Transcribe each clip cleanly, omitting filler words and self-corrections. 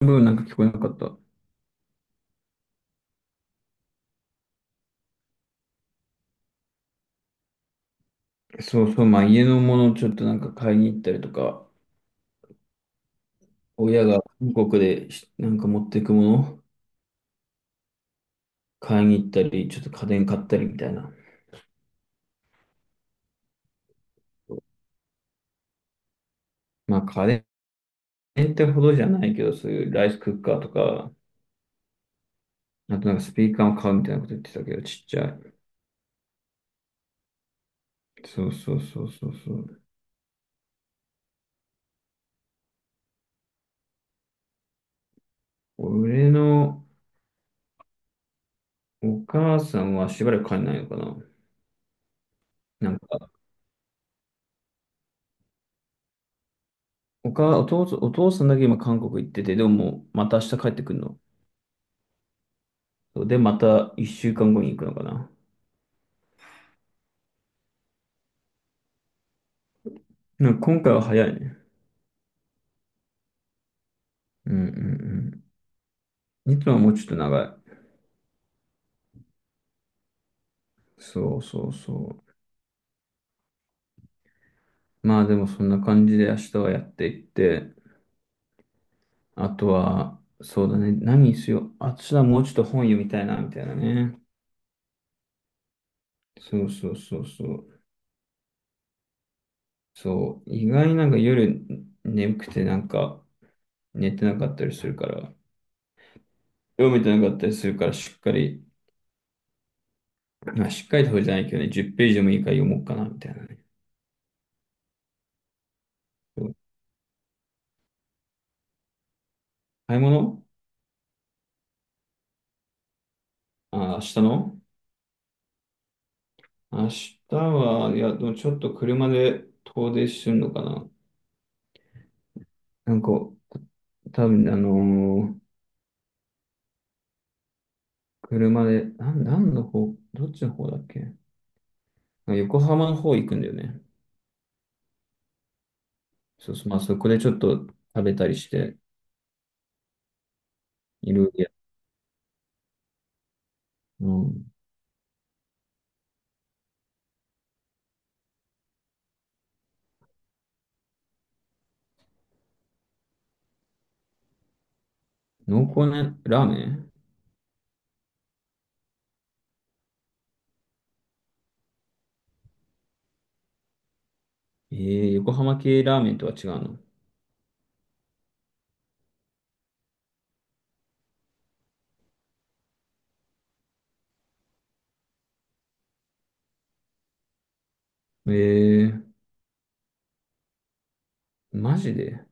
ブーなんか聞こえなかった。そうそう、まあ家のものをちょっとなんか買いに行ったりとか、親が韓国でしなんか持っていくもの買いに行ったり、ちょっと家電買ったりみたいな。まあ家電ってほどじゃないけど、そういうライスクッカーとか、あとなんかスピーカーを買うみたいなこと言ってたけど、ちっちゃい。そうそうそうそうそう。俺のお母さんはしばらく帰んないのかな。なんか、お母、お父さん、お父さんだけ今韓国行ってて、でももうまた明日帰ってくるの。そうで、また一週間後に行くのかな。なんか今回は早いね。うんうんうん。いつもはもうちょっと長い。そうそうそう。まあでもそんな感じで明日はやっていって、あとは、そうだね。何にしよう。あ、私はもうちょっと本読みたいな、みたいなね。そうそうそうそう。そう。意外になんか夜眠くてなんか寝てなかったりするから、読めてなかったりするから、しっかり、まあしっかりとじゃないけどね、10ページでもいいから読もうかな、みたいなね。そう、買い物、あ、明日の。明日は、いや、でもちょっと車で遠出するのかな。なんか、多分車で、なん、何の方、どっちの方だっけ。あ、横浜の方行くんだよね。そうそう、まあそこでちょっと食べたりして、いろいろや、うん。濃厚なラーメン。えー、横浜系ラーメンとは違うの？えー、マジで？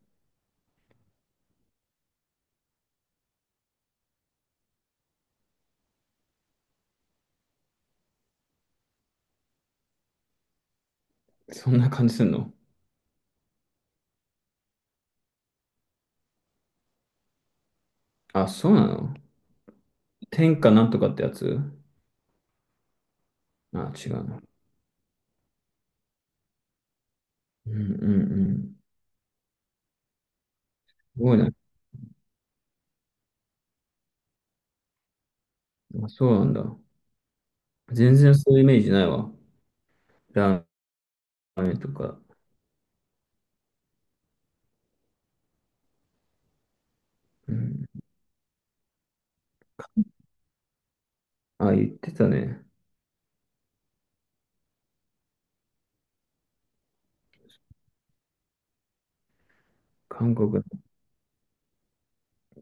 そんな感じすんの？あ、そうなの？天下なんとかってやつ？あ、違うの？うんうん、すごいね。あ、そうなんだ。全然そういうイメージないわ。ラーメンとか。うん。あ、言ってたね。韓国。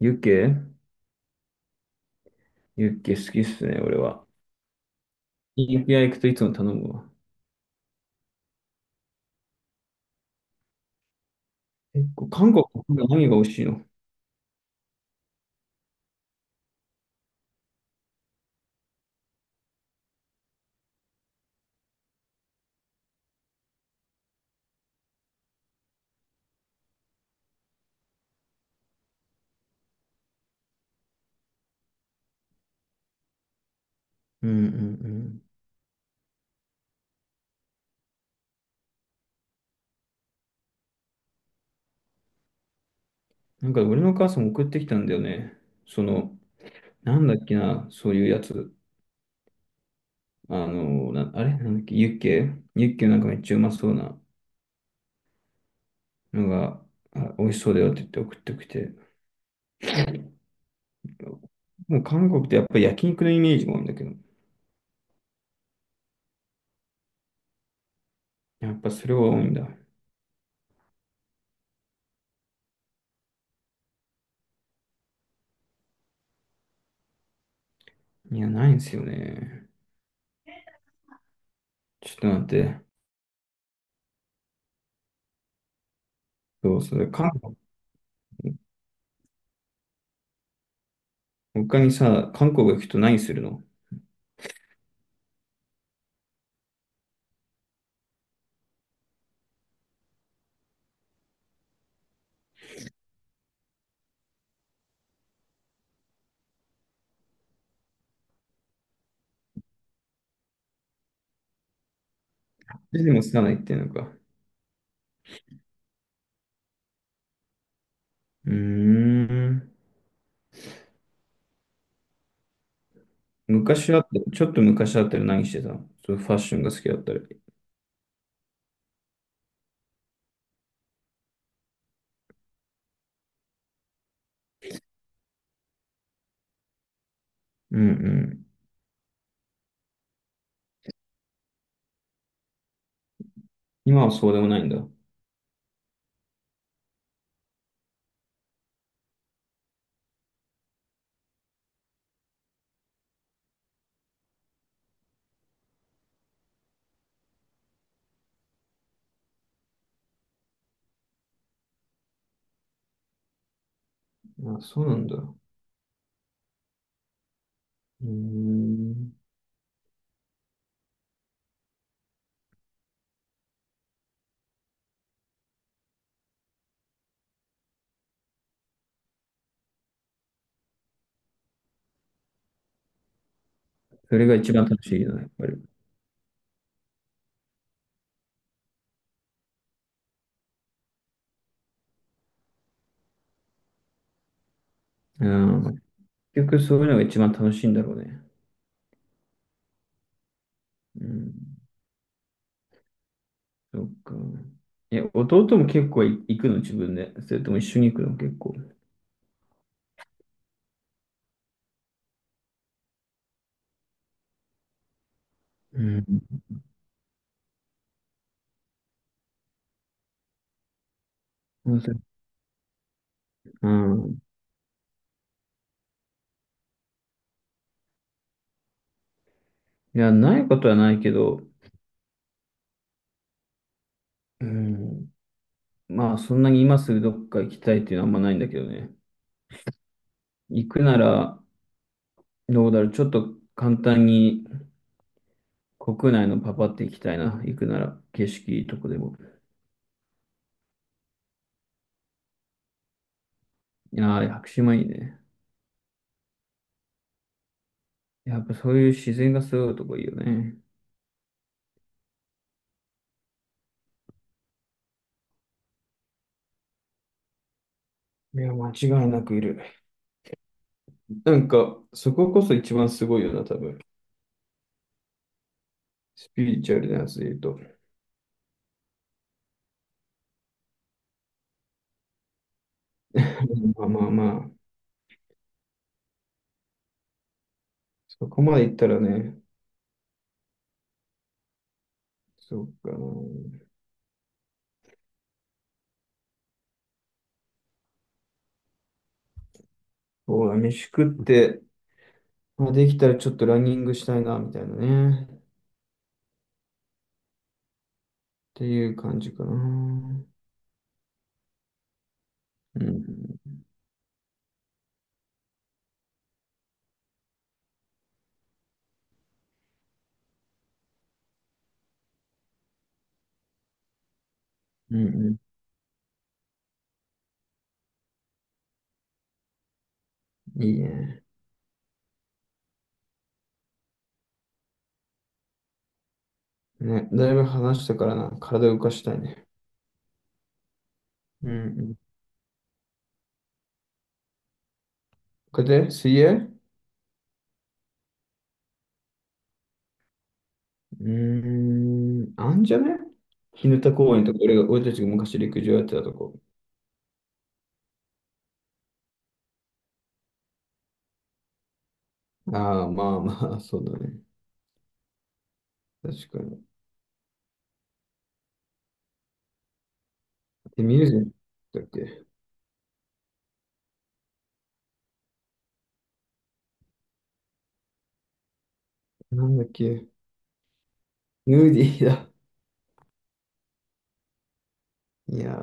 ユッケ、ユッケ好きっすね、俺は。ユッケ屋行くといつも頼むわ。結構、韓国の何が美味しいの？うんうんうん。なんか俺のお母さん送ってきたんだよね。その、なんだっけな、そういうやつ。あの、な、あれなんだっけ、ユッケ、ユッケなんかめっちゃうまそうなのが、あ、美味しそうだよって言って送ってきて。もう韓国ってやっぱり焼肉のイメージもあるんだけど、やっぱそれは多いんだ。いや、ないんですよね。ちょっと待って。そう、それ、韓国、他にさ、韓国行くと何するの？でもつかないっていうのか。うーん。昔あった、ちょっと昔あったら何してたの？そう、ファッションが好きだったり。うんうん。今はそうでもないんだ。あ、そうなんだ。うーん。それが一番楽しいよね、やっぱり。うん。結局そういうのが一番楽しいんだろうね。うん。そっか。え、弟も結構い行くの自分で？それとも一緒に行くの結構？うん。うんうん、いや、ないことはないけど、うん、まあ、そんなに今すぐどっか行きたいっていうのはあんまないんだけどね。行くなら、どうだろう。ちょっと簡単に国内のパパって行きたいな。行くなら、景色いいとこでも。いやー、屋久島いいね。やっぱそういう自然がすごいとこいいよね。いや、間違いなくいる。なんか、そここそ一番すごいよな、多分。スピリチュアルなやつで言うと。まあまあまあ、そこまで言ったらね、そうかな。そうだ、飯食って、まあ、できたらちょっとランニングしたいな、みたいなね。っていう感じかな。うん、うん、うん。いいね。ね、だいぶ話したからな、体を動かしたいね。うん、うん。これで、水泳。うーん、あんじゃね、日向公園とか、俺が、俺たちが昔陸上やってたとこ。ああ、まあまあ、そうだね。確かに。で、ミュージッだっけ、なんだっけ、ヌーディーだ。いや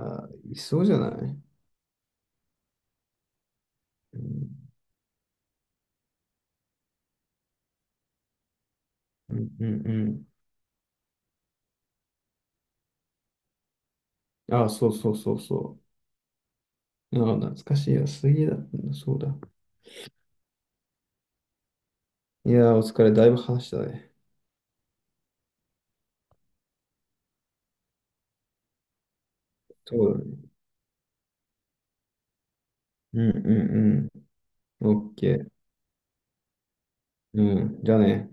ー、いそうじゃない、うん、うん、うん。うん、あ、そうそうそうそう。あ、懐かしいよ。水泳だったんだ。そうだ。いやー、お疲れ。だいぶ話したね。そうだね。うん、うん、うん。オッケー。うん。じゃあね。